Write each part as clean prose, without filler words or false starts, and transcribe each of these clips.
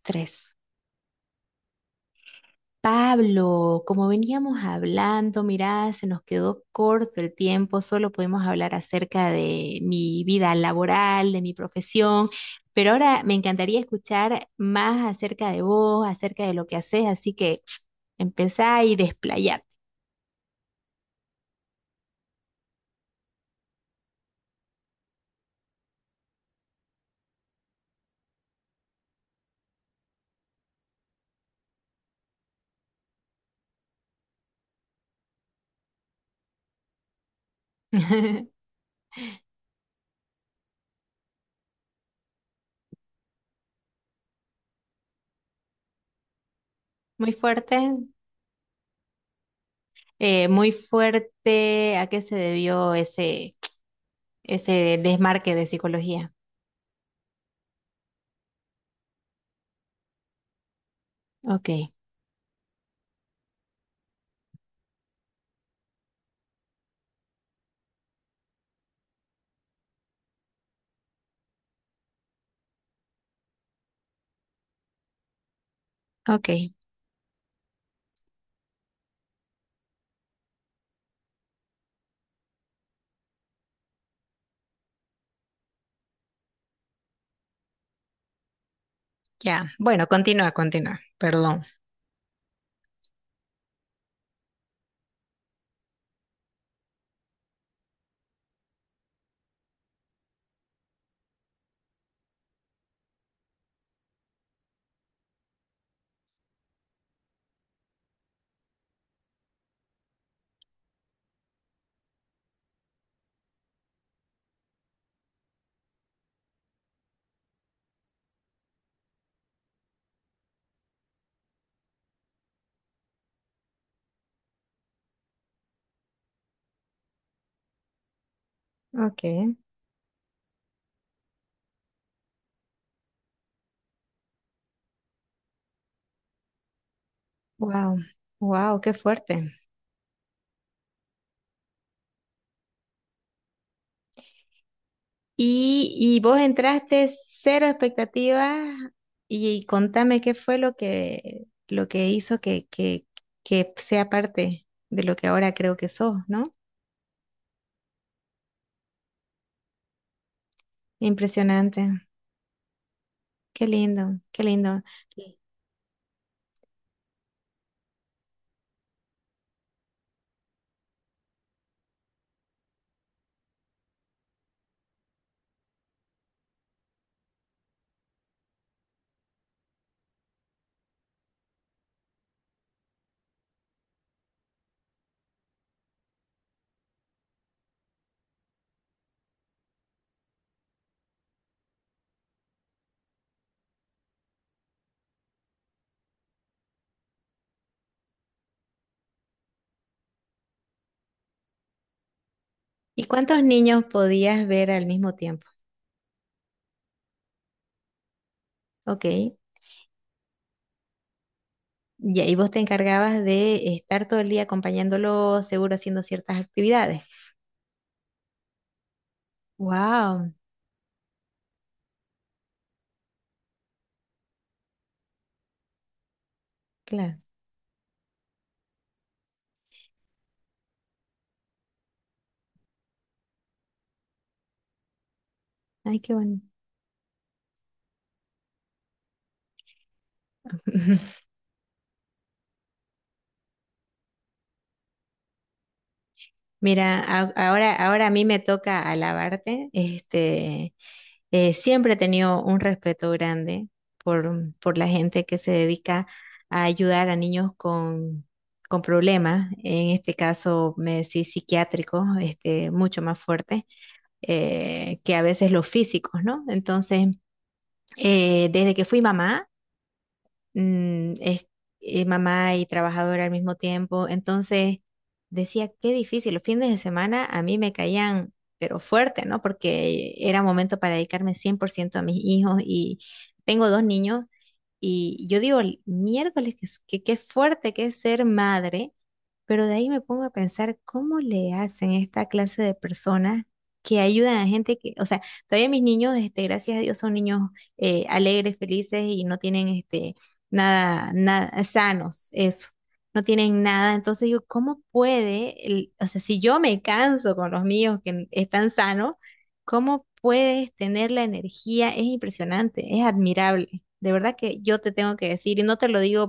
Tres. Pablo, como veníamos hablando, mirá, se nos quedó corto el tiempo, solo pudimos hablar acerca de mi vida laboral, de mi profesión, pero ahora me encantaría escuchar más acerca de vos, acerca de lo que haces, así que empezá y desplayate. Muy fuerte, muy fuerte, ¿a qué se debió ese desmarque de psicología? Ok. Ok, ya. Bueno, continúa, continúa. Perdón. Okay, wow, wow, qué fuerte. Y vos entraste cero expectativas y, contame qué fue lo que hizo que sea parte de lo que ahora creo que sos, ¿no? Impresionante, qué lindo, qué lindo. Sí. ¿Y cuántos niños podías ver al mismo tiempo? Ok, ya, y ahí vos te encargabas de estar todo el día acompañándolo, seguro haciendo ciertas actividades. Wow, claro, ay, qué bueno. Mira, ahora, ahora a mí me toca alabarte. Este, siempre he tenido un respeto grande por la gente que se dedica a ayudar a niños con problemas. En este caso, me decís psiquiátricos, este, mucho más fuertes que a veces los físicos, ¿no? Entonces, desde que fui mamá, es mamá y trabajadora al mismo tiempo. Entonces decía, qué difícil. Los fines de semana a mí me caían, pero fuerte, ¿no? Porque era momento para dedicarme 100% a mis hijos y tengo dos niños y yo digo, "El miércoles, que qué fuerte que es ser madre, pero de ahí me pongo a pensar cómo le hacen esta clase de personas que ayudan a gente que, o sea, todavía mis niños, este, gracias a Dios, son niños alegres, felices y no tienen este, nada, nada, sanos, eso, no tienen nada. Entonces yo, ¿cómo puede, o sea, si yo me canso con los míos que están sanos, ¿cómo puedes tener la energía? Es impresionante, es admirable. De verdad que yo te tengo que decir, y no te lo digo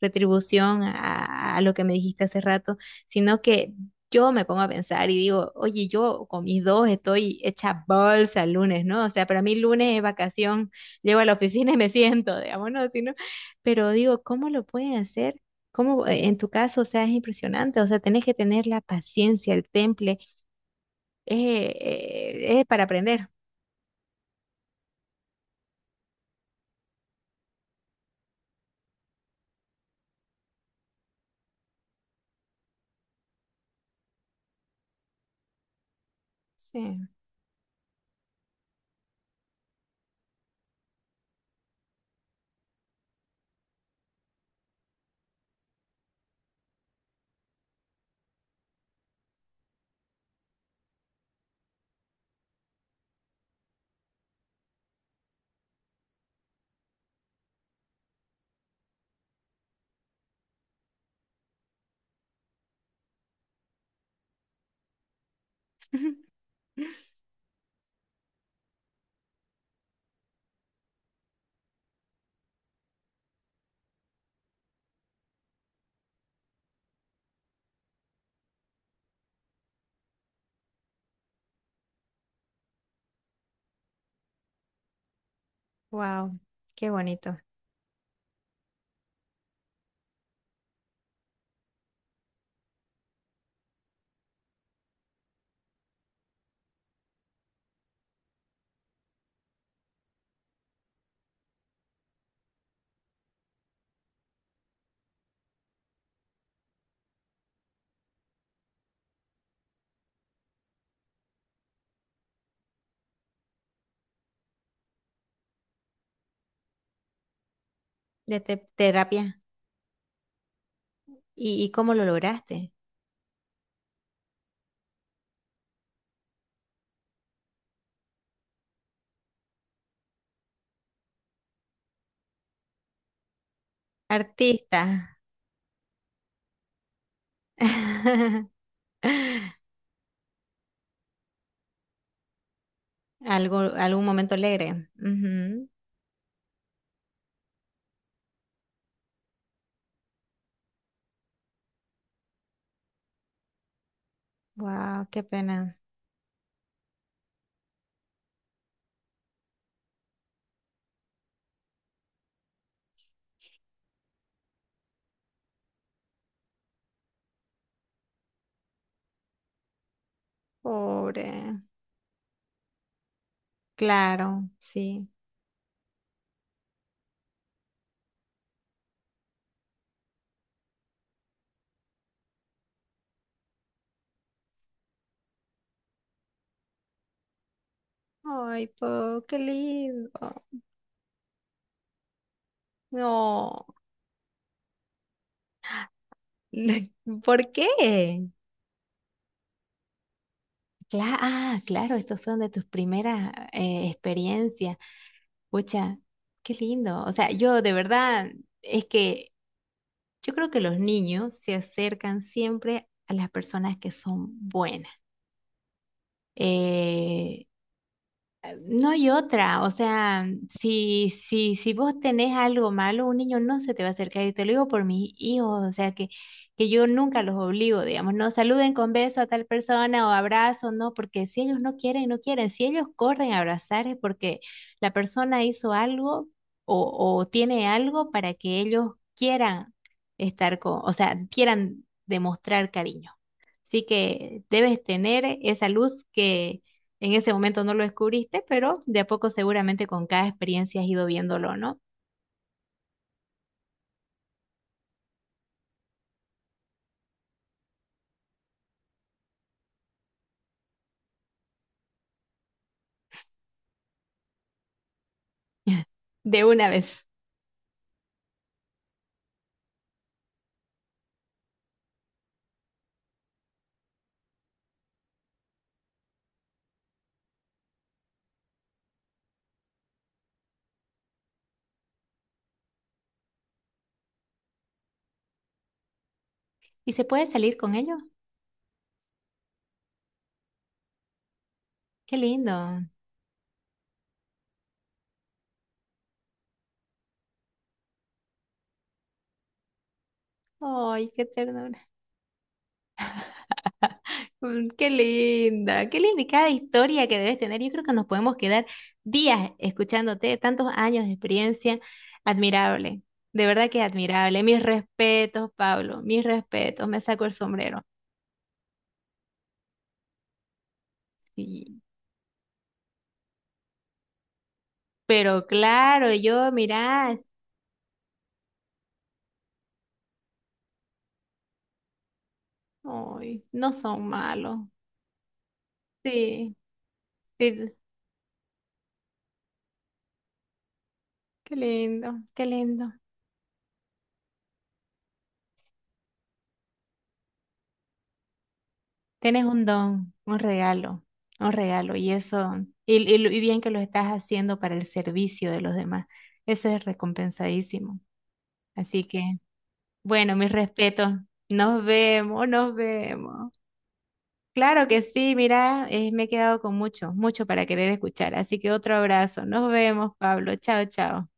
retribución a lo que me dijiste hace rato, sino que yo me pongo a pensar y digo, oye, yo con mis dos estoy hecha bolsa el lunes, ¿no? O sea, para mí lunes es vacación, llego a la oficina y me siento, digamos, ¿no? Si pero digo, ¿cómo lo pueden hacer? ¿Cómo, en tu caso, o sea, es impresionante, o sea, tenés que tener la paciencia, el temple, es es para aprender. Sí. Wow, qué bonito. De terapia. Y cómo lo lograste? Artista. Algo, algún momento alegre. Wow, qué pena. Pobre. Claro, sí. Ay, po, qué lindo. No. ¿Por qué? Ah, claro, estos son de tus primeras experiencias. Pucha, qué lindo. O sea, yo de verdad, es que yo creo que los niños se acercan siempre a las personas que son buenas. Eh, No hay otra, o sea, si, si, si vos tenés algo malo, un niño no se te va a acercar y te lo digo por mis hijos, o sea, que yo nunca los obligo, digamos, no saluden con beso a tal persona o abrazo, no, porque si ellos no quieren, no quieren, si ellos corren a abrazar es porque la persona hizo algo o tiene algo para que ellos quieran estar con, o sea, quieran demostrar cariño. Sí que debes tener esa luz que en ese momento no lo descubriste, pero de a poco seguramente con cada experiencia has ido viéndolo, ¿no? De una vez. ¿Y se puede salir con ello? Qué lindo. Ay, qué ternura. Mm, qué linda, qué linda y cada historia que debes tener. Yo creo que nos podemos quedar días escuchándote, tantos años de experiencia. Admirable, de verdad que admirable. Mis respetos, Pablo, mis respetos, me saco el sombrero. Sí. Pero claro, yo, mirá, ay, no son malos. Sí, sí, qué lindo, qué lindo. Tienes un don, un regalo, y eso, y, y bien que lo estás haciendo para el servicio de los demás. Eso es recompensadísimo. Así que, bueno, mis respetos. Nos vemos, nos vemos. Claro que sí, mira, me he quedado con mucho, mucho para querer escuchar. Así que otro abrazo. Nos vemos, Pablo. Chao, chao.